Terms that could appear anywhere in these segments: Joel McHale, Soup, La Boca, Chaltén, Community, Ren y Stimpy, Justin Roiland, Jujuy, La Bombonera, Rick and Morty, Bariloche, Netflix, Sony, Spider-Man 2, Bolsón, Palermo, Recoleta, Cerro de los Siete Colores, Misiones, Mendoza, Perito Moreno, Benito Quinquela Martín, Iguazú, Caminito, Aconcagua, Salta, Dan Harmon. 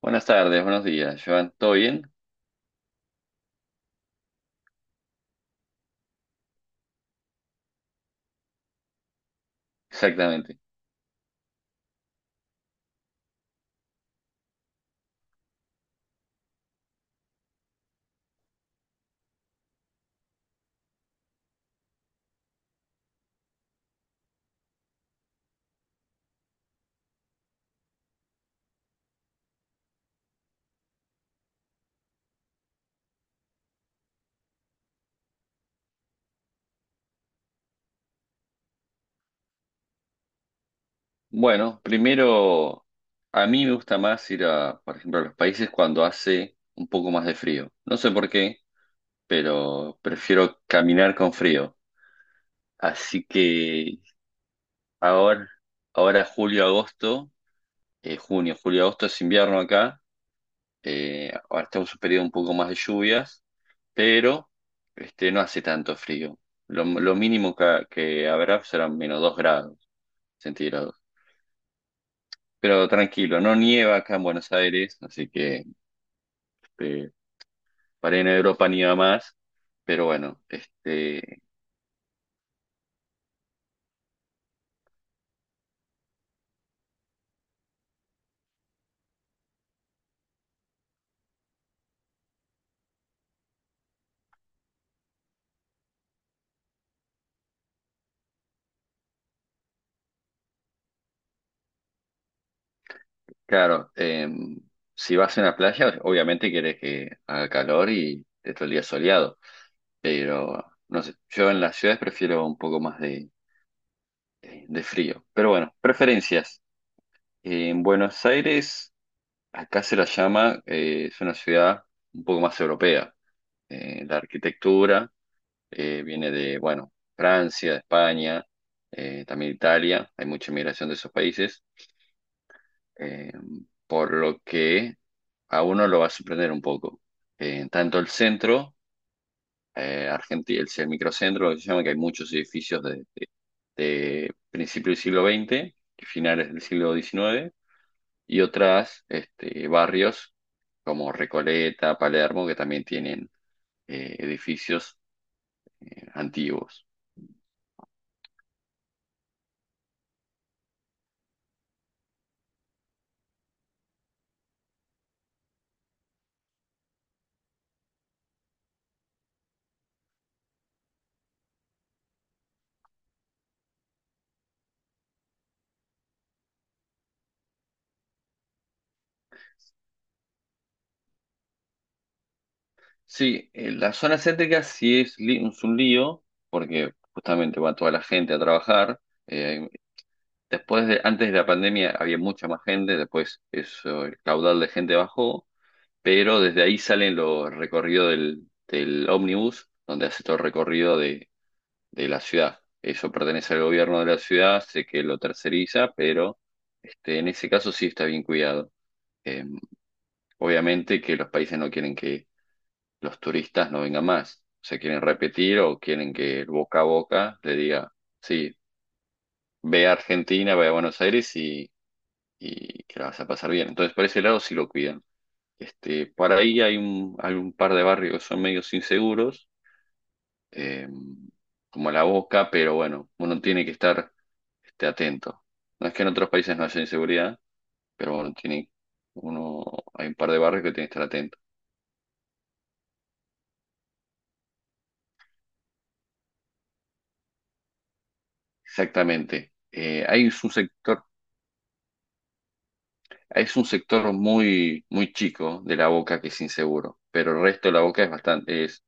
Buenas tardes, buenos días, Joan. ¿Todo bien? Exactamente. Bueno, primero, a mí me gusta más ir a, por ejemplo, a los países cuando hace un poco más de frío. No sé por qué, pero prefiero caminar con frío. Así que ahora, ahora julio, agosto, junio, julio, agosto es invierno acá. Ahora estamos en un periodo un poco más de lluvias, pero no hace tanto frío. Lo mínimo que habrá serán -2 grados centígrados. Pero tranquilo, no nieva acá en Buenos Aires, así que este, para ir a Europa nieva más. Pero bueno, claro, si vas a una playa, obviamente querés que haga calor y esté todo el día soleado. Pero no sé, yo en las ciudades prefiero un poco más de frío. Pero bueno, preferencias. En Buenos Aires, acá se la llama, es una ciudad un poco más europea. La arquitectura, viene de, bueno, Francia, España, también Italia. Hay mucha inmigración de esos países, eh, por lo que a uno lo va a sorprender un poco. Tanto el centro, el microcentro, lo que se llama, que hay muchos edificios de principios del siglo XX y finales del siglo XIX, y otras barrios como Recoleta, Palermo, que también tienen edificios antiguos. Sí, la zona céntrica sí es un lío, porque justamente va toda la gente a trabajar. Eh, Después de, antes de la pandemia había mucha más gente, después eso, el caudal de gente bajó, pero desde ahí salen los recorridos del, del ómnibus, donde hace todo el recorrido de la ciudad. Eso pertenece al gobierno de la ciudad, sé que lo terceriza, pero en ese caso sí está bien cuidado. Eh, Obviamente que los países no quieren que los turistas no vengan más. Se quieren repetir o quieren que el boca a boca le diga, sí, ve a Argentina, ve a Buenos Aires, y que la vas a pasar bien. Entonces, por ese lado sí lo cuidan. Por ahí hay un par de barrios que son medios inseguros, eh, como La Boca, pero bueno, uno tiene que estar atento. No es que en otros países no haya inseguridad, pero bueno, tiene, uno, hay un par de barrios que tiene que estar atento. Exactamente. Hay un sector Es un sector muy, muy chico de la Boca que es inseguro, pero el resto de la Boca es bastante, es,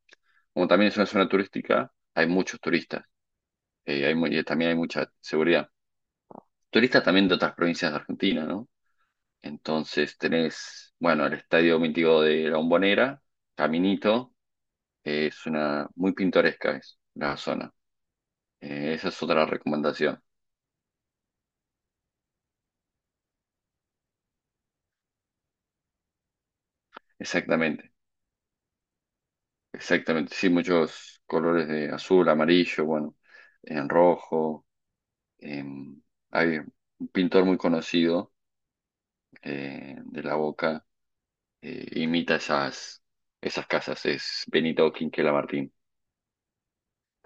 como también es una zona turística, hay muchos turistas, y también hay mucha seguridad. Turistas también de otras provincias de Argentina, ¿no? Entonces tenés, bueno, el Estadio Mítico de La Bombonera, Caminito, que es una, muy pintoresca es la zona. Esa es otra recomendación. Exactamente, exactamente. Sí, muchos colores de azul, amarillo, bueno, en rojo. eh, Hay un pintor muy conocido de La Boca, imita esas casas, es Benito Quinquela Martín.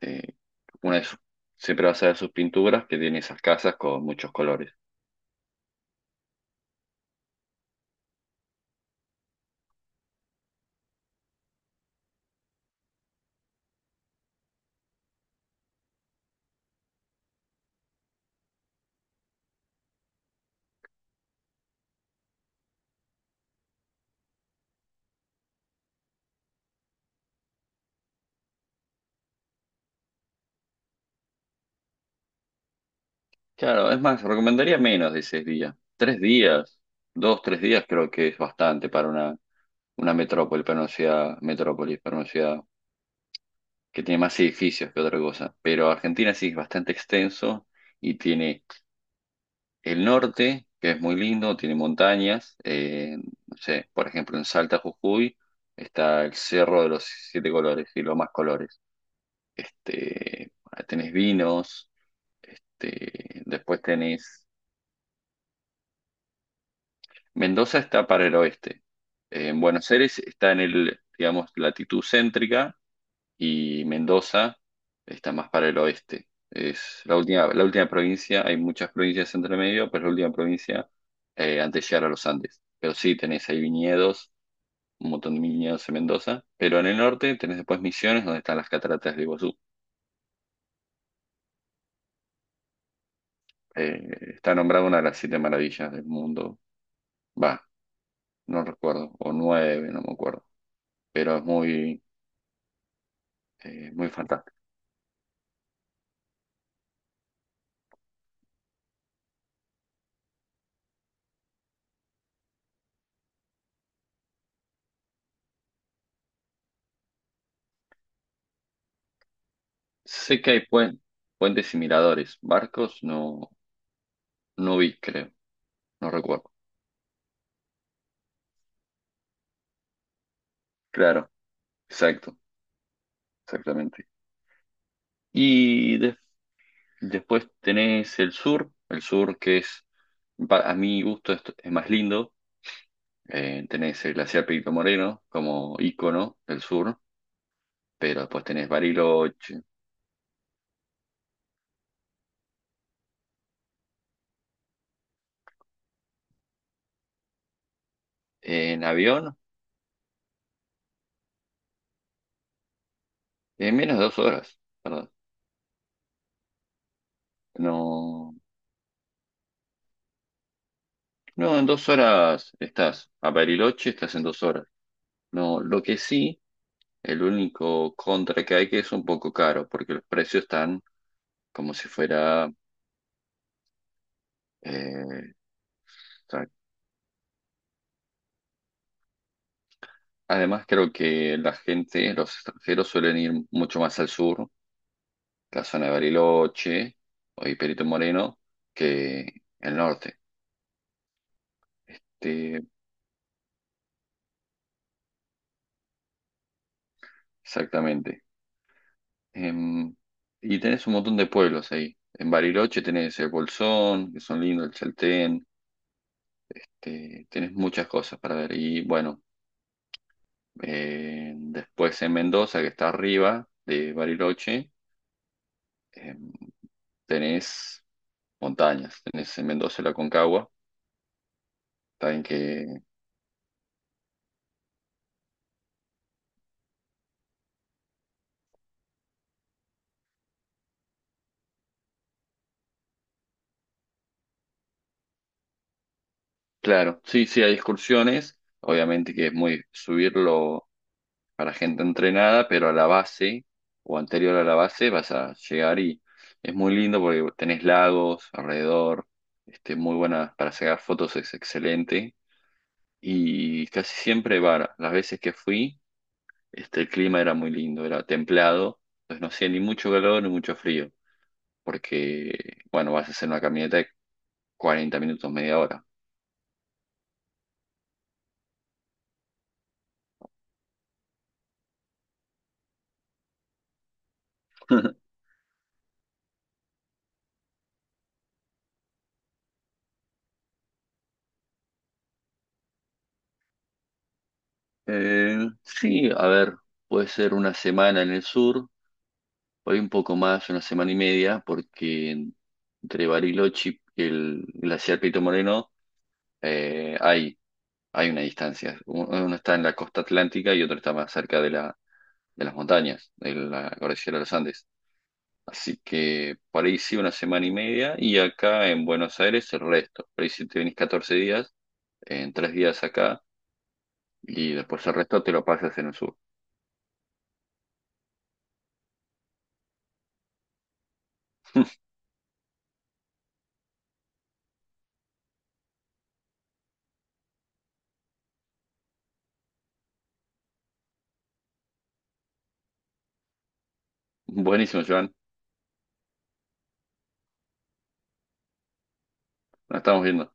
Eh, una de sus- Siempre vas a ver sus pinturas que tiene esas casas con muchos colores. Claro, es más, recomendaría menos de 6 días. 3 días, dos, tres días creo que es bastante para una metrópoli, para una ciudad, metrópolis, para una ciudad que tiene más edificios que otra cosa. Pero Argentina sí es bastante extenso y tiene el norte, que es muy lindo, tiene montañas. No sé, por ejemplo, en Salta, Jujuy, está el Cerro de los Siete Colores y los más colores. Este, Tenés vinos, después tenés. Mendoza está para el oeste. En Buenos Aires está en el, digamos, latitud céntrica, y Mendoza está más para el oeste. Es la última provincia, hay muchas provincias entre medio, pero es la última provincia antes de llegar a los Andes. Pero sí, tenés ahí viñedos, un montón de viñedos en Mendoza, pero en el norte tenés después Misiones, donde están las cataratas de Iguazú. Está nombrada una de las siete maravillas del mundo. Va, no recuerdo, o nueve, no me acuerdo, pero es muy, muy fantástico. Sé que hay puentes y miradores, barcos no, no vi, creo, no recuerdo. Claro. Exacto, exactamente. Y después tenés el sur que es, a mi gusto, es más lindo. Tenés el glaciar Perito Moreno como ícono del sur, pero después tenés Bariloche. En avión, en menos de 2 horas, ¿verdad? No, no, en 2 horas estás. A Bariloche estás en 2 horas. No, lo que sí, el único contra que hay que es un poco caro, porque los precios están como si fuera. Eh, o sea, además, creo que la gente, los extranjeros suelen ir mucho más al sur, la zona de Bariloche o y Perito Moreno, que el norte. Este, Exactamente. Em, y tenés un montón de pueblos ahí. En Bariloche tenés el Bolsón, que son lindos, el Chaltén, tenés muchas cosas para ver. Y bueno, después en Mendoza, que está arriba de Bariloche. eh, Tenés montañas, tenés en Mendoza la Concagua, también que, claro, sí, sí, hay excursiones, obviamente que es muy subirlo para gente entrenada, pero a la base o anterior a la base vas a llegar y es muy lindo porque tenés lagos alrededor, muy buena para sacar fotos, es excelente y casi siempre, va, las veces que fui, el clima era muy lindo, era templado, entonces no hacía ni mucho calor ni mucho frío. Porque, bueno, vas a hacer una caminata de 40 minutos, media hora. Sí, a ver, puede ser una semana en el sur, por ahí un poco más, una semana y media, porque entre Bariloche y el glaciar Pito Moreno eh, hay, hay una distancia. Uno está en la costa atlántica y otro está más cerca de la, de las montañas, de la cordillera de los Andes. Así que por ahí sí una semana y media y acá en Buenos Aires el resto. Por ahí si te venís 14 días, en 3 días acá y después el resto te lo pasas en el sur. Buenísimo, Joan. Nos estamos viendo.